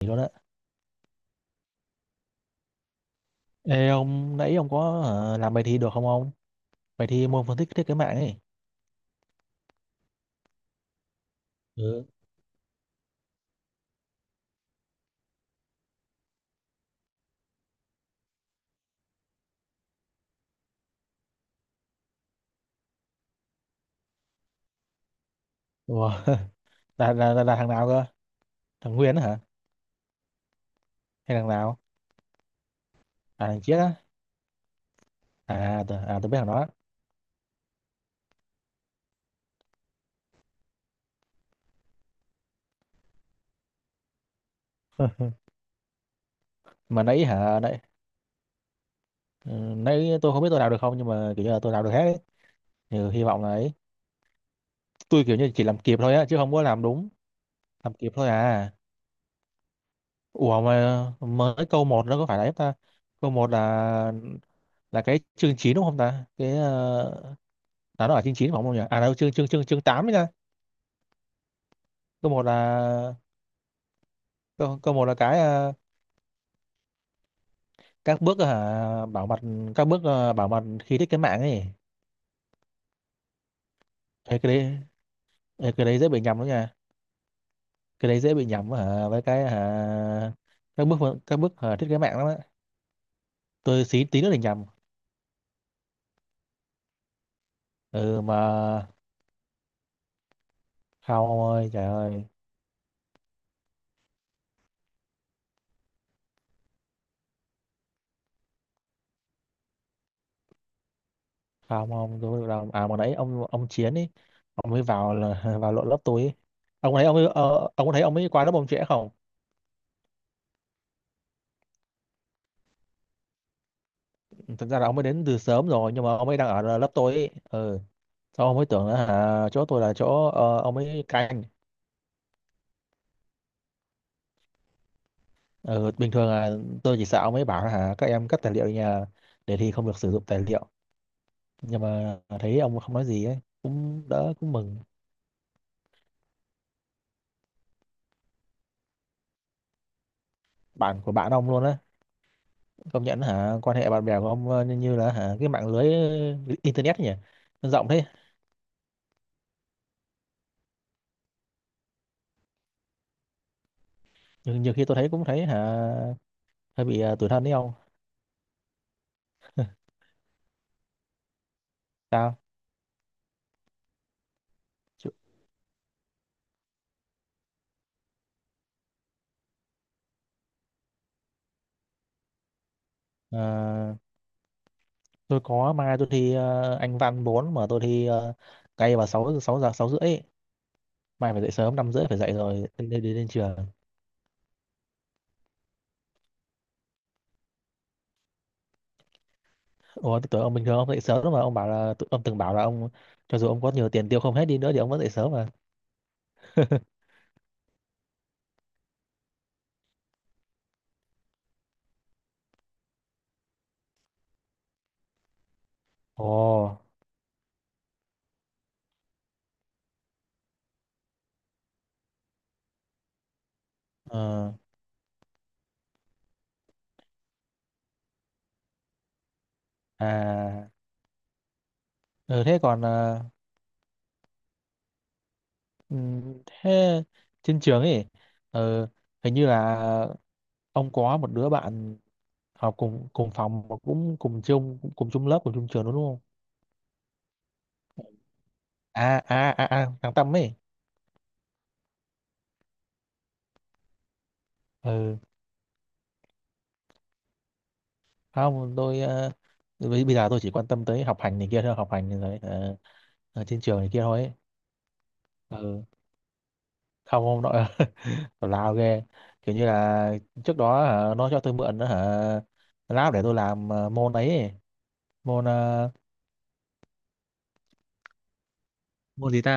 Gì đó đó. Ê ông, nãy ông có làm bài thi được không ông, bài thi môn phân tích thiết kế mạng ấy? Ừ. Ủa, là thằng nào cơ, thằng Nguyên á hả, hay thằng nào? À thằng Chiết á? À, à tôi biết thằng đó. Mà nãy hả, nãy? Ừ, nãy tôi không biết tôi làm được không, nhưng mà kiểu như là tôi làm được hết ấy. Ừ, hy vọng là ấy. Tôi kiểu như chỉ làm kịp thôi á, chứ không có làm đúng. Làm kịp thôi à. Ủa mà mới câu một, nó có phải là ép ta? Câu một là cái chương 9 đúng không ta, cái là nó ở chương 9 phải không nhỉ? À đâu, chương chương chương chương 8. Câu một là, câu một là cái các bước hả bảo mật, các bước bảo mật khi thiết kế mạng ấy. Thấy cái đấy, thấy cái đấy dễ bị nhầm lắm nha. Cái đấy dễ bị nhầm hả, với cái hả các bước, các bước hả thiết kế mạng lắm á. Tôi xí tí nữa thì nhầm. Ừ mà không ông ơi, trời ơi. Không không, tôi không làm. À mà nãy ông Chiến ấy, ông mới vào là vào lộn lớp tôi ấy. Ông thấy ông ấy, ông có thấy ông ấy qua lớp ông trễ không? Thật ra là ông ấy đến từ sớm rồi, nhưng mà ông ấy đang ở lớp tôi ấy. Ừ. Sao ông ấy tưởng là hả, chỗ tôi là chỗ ông ấy canh. Ừ, bình thường là tôi chỉ sợ ông ấy bảo là hả các em cất tài liệu nhà, để thi không được sử dụng tài liệu, nhưng mà thấy ông không nói gì ấy, cũng đỡ, cũng mừng. Bạn của bạn ông luôn á. Công nhận hả, quan hệ bạn bè của ông như, như là hả cái mạng lưới internet ấy nhỉ, nó rộng thế. Nhưng nhiều khi tôi thấy cũng thấy hả hơi bị tủi thân đấy ông. Sao? Chứ- ờ, tôi có mai tôi thi Anh văn 4, mà tôi thi ngay vào 6 6 giờ 6 rưỡi. Mai phải dậy sớm, 5 rưỡi phải dậy rồi nên đi lên trường. Ủa thế tối ông, bình thường ông dậy sớm lắm mà, ông bảo là ông từng bảo là ông, cho dù ông có nhiều tiền tiêu không hết đi nữa thì ông vẫn dậy sớm mà. Ồ. Ờ. À. Ừ, thế còn thế trên trường ấy, ờ, hình như là ông có một đứa bạn học cùng cùng phòng mà cũng cùng chung lớp, cùng chung trường đúng không? À, thằng Tâm ấy. Ừ, không tôi bây bây giờ tôi chỉ quan tâm tới học hành này kia thôi, học hành này rồi. Ờ. Ở trên trường này kia thôi ấy. Ừ, không không nội tào lao ghê. Kiểu như là trước đó hả, nó cho tôi mượn hả lab để tôi làm môn ấy, ấy. Môn môn gì ta?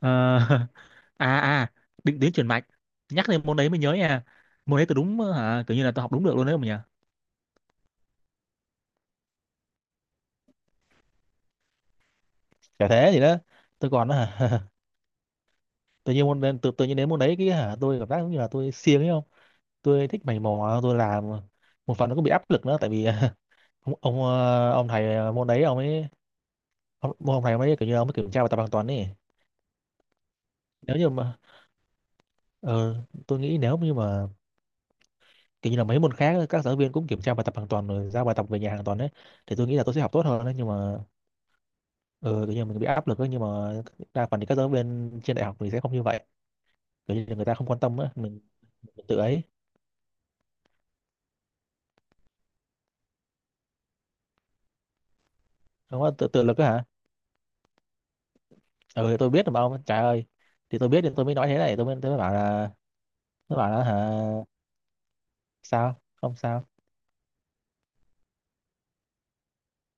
Ờ, à à định tuyến chuyển mạch. Nhắc đến môn đấy mới nhớ nha. Môn đấy tôi đúng hả, kiểu như là tôi học đúng được luôn đấy mà nhỉ. Chả thế gì đó, tôi còn hả tự nhiên môn đến tự nhiên đến môn đấy cái hả tôi cảm giác giống như là tôi siêng ấy không, tôi thích mày mò tôi làm. Một phần nó cũng bị áp lực nữa tại vì ông ông thầy môn đấy ông ấy hôm nay mới kiểu như ông mới kiểm tra bài tập hoàn toàn ấy. Nếu như mà ờ, tôi nghĩ nếu như mà kiểu như là mấy môn khác các giáo viên cũng kiểm tra bài tập hoàn toàn rồi giao bài tập về nhà hoàn toàn đấy, thì tôi nghĩ là tôi sẽ học tốt hơn đấy, nhưng mà ờ, kiểu như mình bị áp lực ấy, nhưng mà đa phần thì các giáo viên trên đại học thì sẽ không như vậy. Kiểu như là người ta không quan tâm á mình tự ấy, không có tự lực á hả. Ờ thì tôi biết mà ông, trời ơi. Thì tôi biết, thì tôi mới nói thế này, tôi mới bảo là, tôi bảo là hả sao không sao.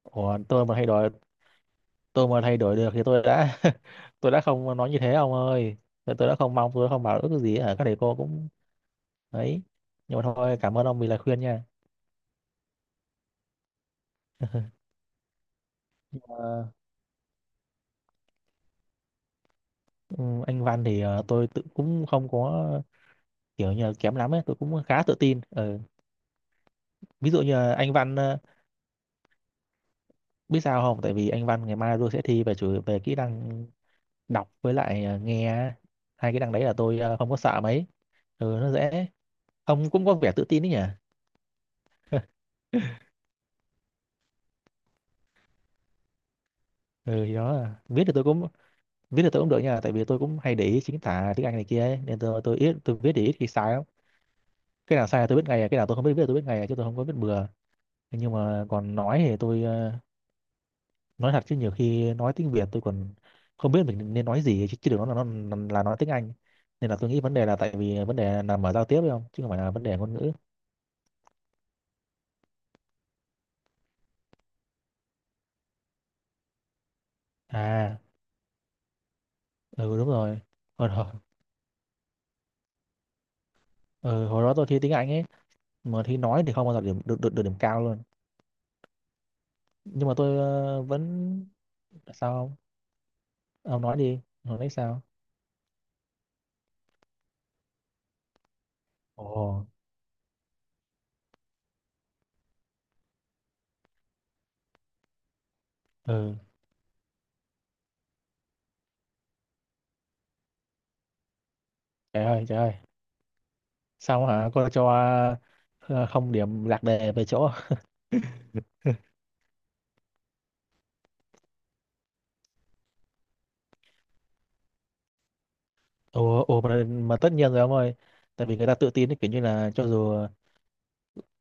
Ủa tôi mà hay đòi, tôi mà thay đổi được thì tôi đã tôi đã không nói như thế ông ơi. Tôi đã không mong, tôi đã không bảo ước gì ở các thầy cô cũng ấy. Nhưng mà thôi, cảm ơn ông vì lời khuyên nha. Ờ, ừ, anh Văn thì tôi tự cũng không có kiểu như là kém lắm ấy, tôi cũng khá tự tin. Ờ, ví dụ như là anh Văn biết sao không, tại vì anh Văn ngày mai tôi sẽ thi về chủ về kỹ năng đọc với lại nghe á. Hai kỹ năng đấy là tôi không có sợ mấy. Ừ, nó dễ. Ông cũng có vẻ tự tin đấy nhỉ. Ừ thì đó, viết thì tôi cũng, viết thì tôi cũng được nha, tại vì tôi cũng hay để ý chính tả tiếng Anh này kia ấy. Nên tôi ít tôi viết thì ít khi sai lắm. Cái nào sai là tôi biết ngay à, cái nào tôi không biết viết là tôi biết ngay à, chứ tôi không có biết bừa. Nhưng mà còn nói thì tôi nói thật chứ nhiều khi nói tiếng Việt tôi còn không biết mình nên nói gì chứ đừng nói là nó là nói tiếng Anh. Nên là tôi nghĩ vấn đề là tại vì vấn đề nằm ở giao tiếp ấy không, chứ không phải là vấn đề ngôn ngữ. À ừ đúng rồi, hồi đó, ừ, hồi đó tôi thi tiếng Anh ấy, mà thi nói thì không bao giờ điểm được được, được điểm cao luôn. Nhưng mà tôi vẫn sao không. Ông nói đi, hồi nãy sao? Ồ, ừ. Trời ơi, trời ơi. Sao hả? Cô cho không điểm lạc đề về chỗ. Ồ, ồ mà tất nhiên rồi ông ơi. Tại vì người ta tự tin ấy, kiểu như là cho dù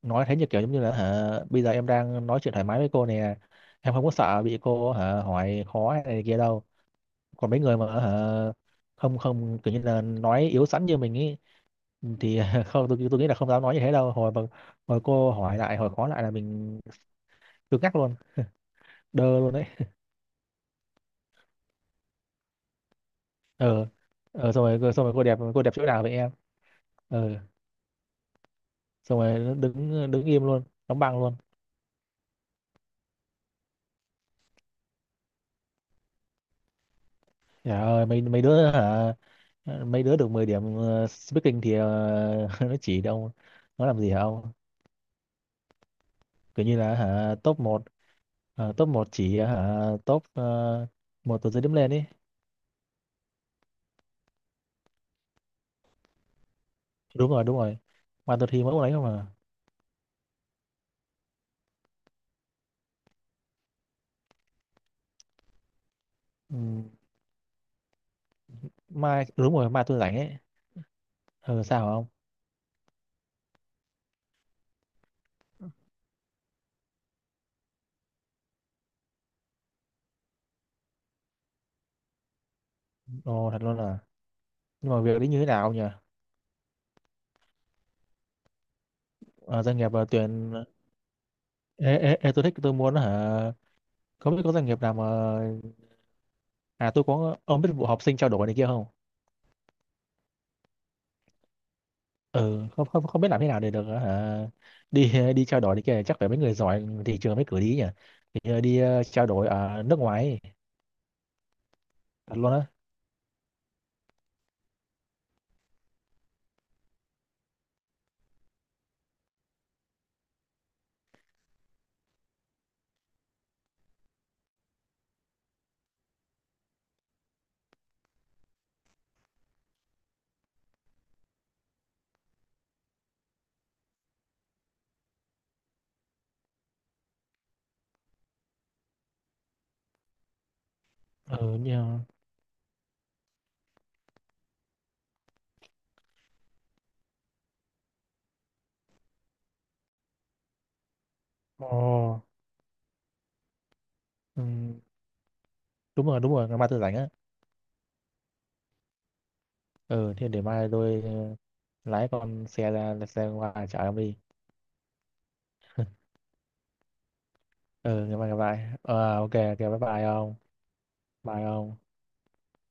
nói thế như kiểu giống như là hả, bây giờ em đang nói chuyện thoải mái với cô nè. Em không có sợ bị cô hả hỏi khó hay này kia đâu. Còn mấy người mà hả không không, kiểu như là nói yếu sẵn như mình ấy, thì không tôi nghĩ là không dám nói như thế đâu. Hồi mà hồi cô hỏi lại, hồi khó lại là mình cứng ngắc luôn, đơ luôn đấy. Ờ, ờ xong rồi, xong rồi cô đẹp, cô đẹp chỗ nào vậy em. Ờ, xong rồi nó đứng đứng im luôn, đóng băng luôn. Trời ơi, mấy mấy đứa hả, mấy đứa được 10 điểm speaking thì nó chỉ đâu, nó làm gì hả ông. Kiểu như là hả top 1, top một chỉ hả top một từ dưới điểm lên ấy. Đúng rồi, đúng rồi, mai tôi thi mỗi một đấy không à. Ừ, mai đúng rồi, mai tôi rảnh ấy. Ờ sao hả ông? Ồ thật luôn à? Nhưng mà việc đấy như thế nào nhỉ? Ờ, doanh nghiệp tuyển. Ê, ê, ê, tôi thích tôi muốn hả, không biết có doanh nghiệp nào mà, à tôi có, ông biết vụ học sinh trao đổi này kia không? Ừ, không không, không biết làm thế nào để được hả? Đi, đi trao đổi này kia chắc phải mấy người giỏi thị trường mới cử đi nhỉ. Thì đi trao đổi ở nước ngoài ấy. Thật luôn á. Ừ như. Ồ. Ừ, đúng rồi, ngày mai tôi rảnh á. Ừ, thì để mai tôi lái con xe ra, xe qua chở ông đi. Ừ, ngày mai gặp lại. Ờ ok, ok bye bye ông. Bye ông.